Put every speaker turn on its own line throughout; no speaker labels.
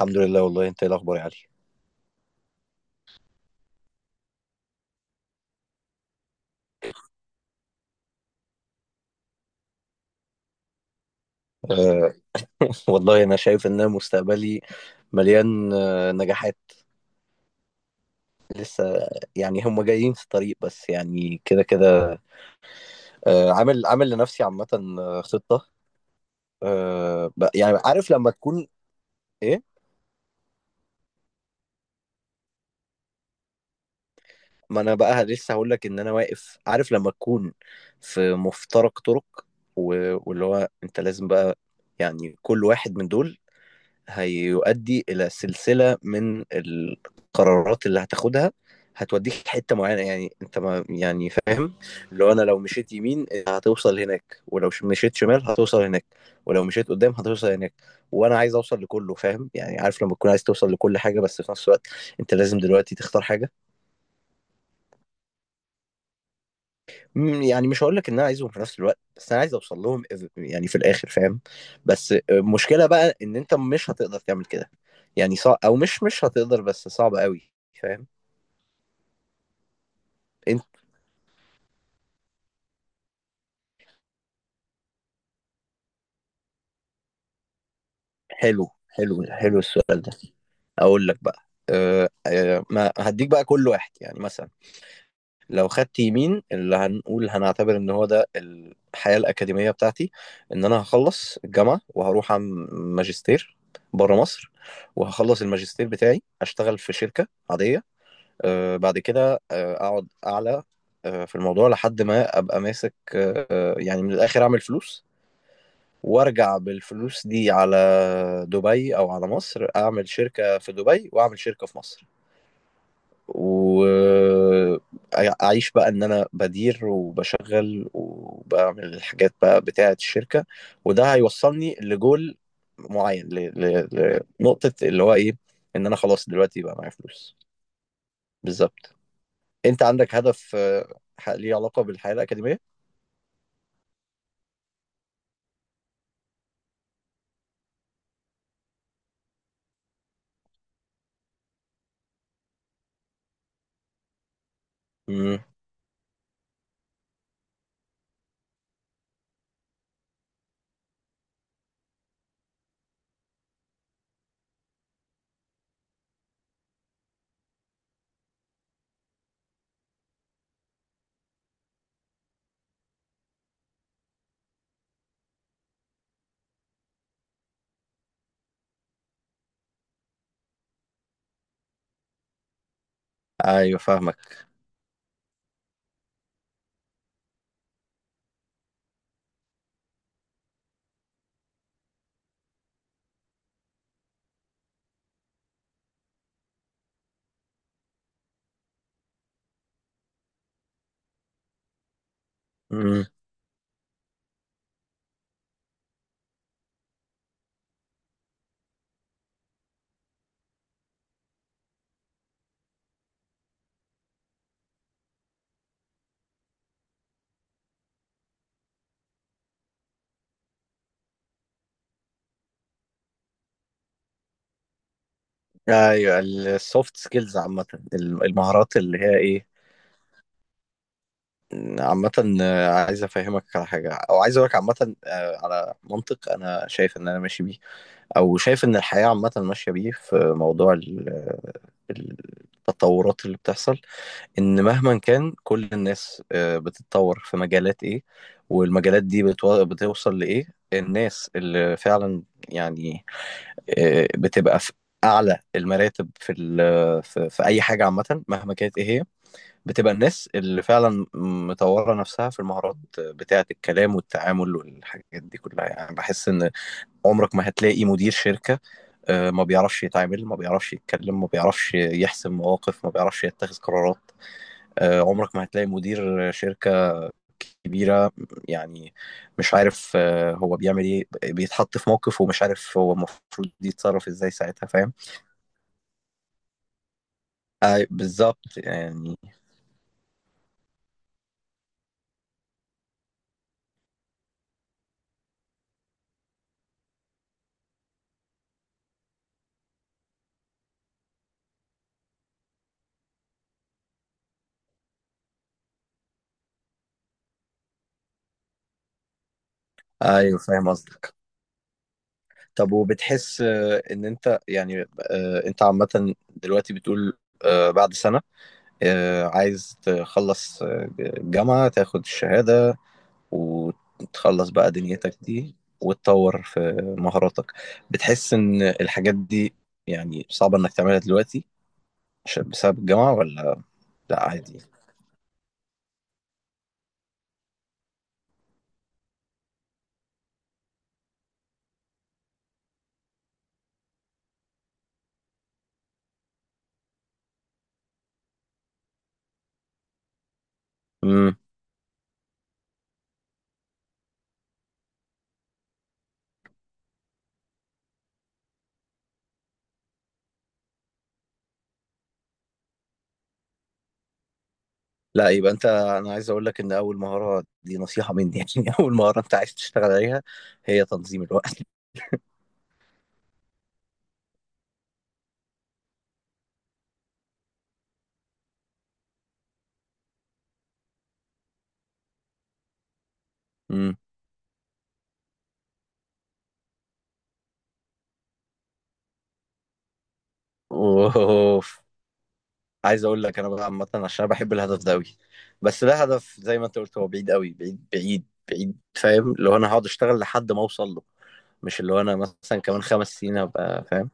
الحمد لله، والله انت ايه الاخبار يا علي؟ أه والله انا شايف ان مستقبلي مليان نجاحات لسه، يعني هم جايين في الطريق، بس يعني كده كده. عامل لنفسي عامه خطه. يعني عارف لما تكون ايه. ما انا بقى لسه هقول لك ان انا واقف، عارف لما تكون في مفترق طرق. واللي هو انت لازم بقى يعني كل واحد من دول هيؤدي الى سلسله من القرارات اللي هتاخدها، هتوديك حته معينه يعني، انت ما يعني فاهم. لو انا، لو مشيت يمين هتوصل هناك، ولو مشيت شمال هتوصل هناك، ولو مشيت قدام هتوصل هناك، وانا عايز اوصل لكله فاهم يعني، عارف لما تكون عايز توصل لكل حاجه بس في نفس الوقت انت لازم دلوقتي تختار حاجه. يعني مش هقول لك ان انا عايزهم في نفس الوقت، بس انا عايز اوصل لهم يعني في الاخر فاهم. بس المشكله بقى ان انت مش هتقدر تعمل كده، يعني صعب، او مش هتقدر، بس صعب قوي. فاهم انت. حلو حلو حلو السؤال ده. اقول لك بقى، أه أه ما هديك بقى كل واحد، يعني مثلا لو خدت يمين، اللي هنقول هنعتبر ان هو ده الحياة الأكاديمية بتاعتي، ان انا هخلص الجامعة وهروح اعمل ماجستير بره مصر، وهخلص الماجستير بتاعي اشتغل في شركة عادية، بعد كده اقعد اعلى في الموضوع لحد ما ابقى ماسك، يعني من الاخر اعمل فلوس، وارجع بالفلوس دي على دبي او على مصر، اعمل شركة في دبي واعمل شركة في مصر، واعيش بقى ان انا بدير وبشغل وبعمل الحاجات بقى بتاعة الشركة، وده هيوصلني لجول معين، ل... لنقطة اللي هو ايه، ان انا خلاص دلوقتي بقى معايا فلوس. بالظبط. انت عندك هدف ليه علاقة بالحياة الأكاديمية؟ امم ايوه فاهمك. امم ايوه السوفت سكيلز عامة، المهارات اللي هي ايه عامة. عايز أفهمك على حاجة، أو عايز أقولك عامة على منطق أنا شايف إن أنا ماشي بيه، أو شايف إن الحياة عامة ماشية بيه، في موضوع ال- التطورات اللي بتحصل، إن مهما كان كل الناس بتتطور في مجالات إيه، والمجالات دي بتوصل لإيه. الناس اللي فعلا يعني بتبقى في أعلى المراتب في في أي حاجة عامة مهما كانت إيه هي، بتبقى الناس اللي فعلا مطورة نفسها في المهارات بتاعة الكلام والتعامل والحاجات دي كلها. يعني بحس إن عمرك ما هتلاقي مدير شركة ما بيعرفش يتعامل، ما بيعرفش يتكلم، ما بيعرفش يحسم مواقف، ما بيعرفش يتخذ قرارات. عمرك ما هتلاقي مدير شركة كبيرة يعني مش عارف هو بيعمل ايه، بيتحط في موقف ومش عارف هو المفروض يتصرف ازاي ساعتها فاهم. بالظبط يعني. ايوه فاهم قصدك. طب وبتحس ان انت يعني انت عامة دلوقتي بتقول بعد سنة عايز تخلص الجامعة، تاخد الشهادة وتخلص بقى دنيتك دي وتطور في مهاراتك. بتحس ان الحاجات دي يعني صعبة انك تعملها دلوقتي بسبب الجامعة ولا؟ لا عادي. امم لا يبقى انت، انا عايز اقول لك ان اول مهارة دي نصيحة مني يعني اول مهارة انت عايز تشتغل عليها هي تنظيم الوقت. امم اوف. عايز اقول لك انا بقى عامه، عشان انا بحب الهدف ده قوي، بس ده هدف زي ما انت قلت هو بعيد قوي، بعيد بعيد بعيد فاهم، اللي هو انا هقعد اشتغل لحد ما اوصل له، مش اللي هو انا مثلا كمان خمس سنين هبقى فاهم.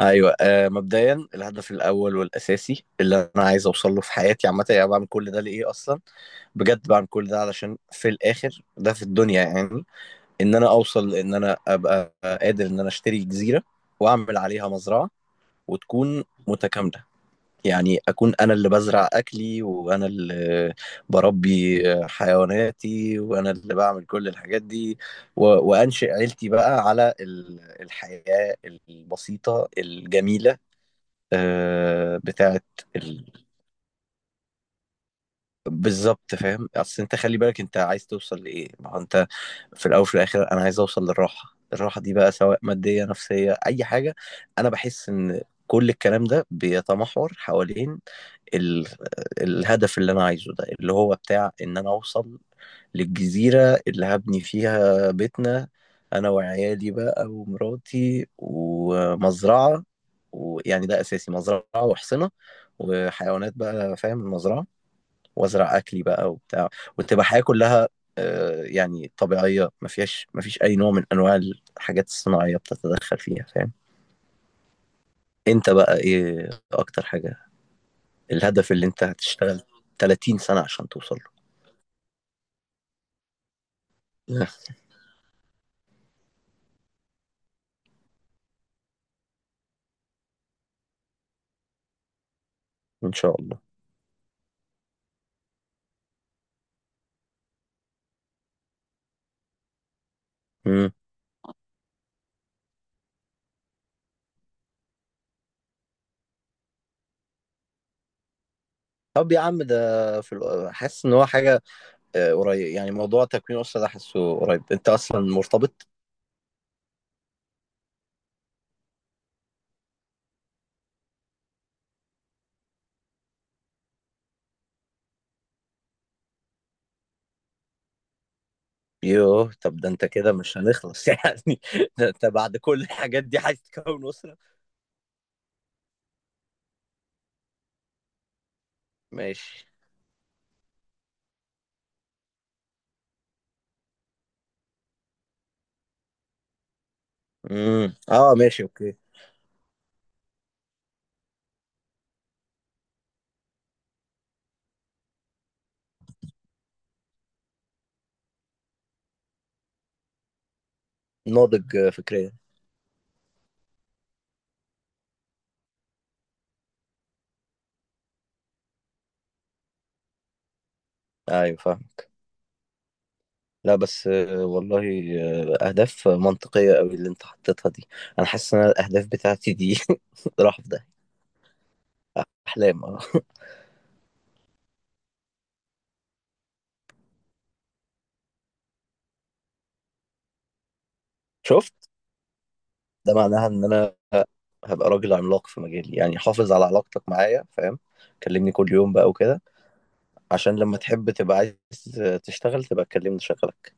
ايوه مبدئيا الهدف الاول والاساسي اللي انا عايز اوصل له في حياتي عامه، يعني بعمل كل ده لايه اصلا؟ بجد بعمل كل ده علشان في الاخر ده في الدنيا يعني، ان انا اوصل ان انا ابقى قادر ان انا اشتري جزيره واعمل عليها مزرعه وتكون متكامله، يعني أكون أنا اللي بزرع أكلي، وأنا اللي بربي حيواناتي، وأنا اللي بعمل كل الحاجات دي، وأنشئ عيلتي بقى على الحياة البسيطة الجميلة بتاعت ال... بالظبط. فاهم، أصل أنت خلي بالك أنت عايز توصل لإيه، ما هو أنت في الأول وفي الآخر أنا عايز أوصل للراحة. الراحة دي بقى سواء مادية، نفسية، أي حاجة. أنا بحس إن كل الكلام ده بيتمحور حوالين ال... الهدف اللي انا عايزه ده، اللي هو بتاع ان انا اوصل للجزيرة اللي هبني فيها بيتنا، انا وعيالي بقى ومراتي ومزرعة. ويعني ده اساسي، مزرعة وحصنة وحيوانات بقى فاهم، المزرعة وازرع اكلي بقى وبتاع، وتبقى حياة كلها يعني طبيعية، ما فيش اي نوع من انواع الحاجات الصناعية بتتدخل فيها فاهم. انت بقى ايه اكتر حاجة، الهدف اللي انت هتشتغل 30 سنة عشان توصل؟ لا ان شاء الله. امم طب يا عم ده، في حاسس ان هو حاجه قريب؟ يعني موضوع تكوين اسره ده حاسه قريب، انت اصلا مرتبط؟ يوه طب ده انت كده مش هنخلص يعني، ده انت بعد كل الحاجات دي عايز تكون اسره. ماشي. اه ماشي اوكي. ناضج فكريا. ايوه فاهمك. لا بس والله اهداف منطقيه قوي اللي انت حطيتها دي. انا حاسس ان أنا الاهداف بتاعتي دي راح في ده، احلام اه. شفت ده معناها ان انا هبقى راجل عملاق في مجالي، يعني حافظ على علاقتك معايا فاهم، كلمني كل يوم بقى وكده، عشان لما تحب تبقى عايز تشتغل تبقى تكلمني شغلك.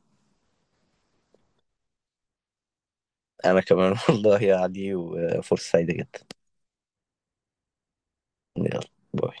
انا كمان والله يا علي، وفرصة سعيدة جدا. يلا. باي.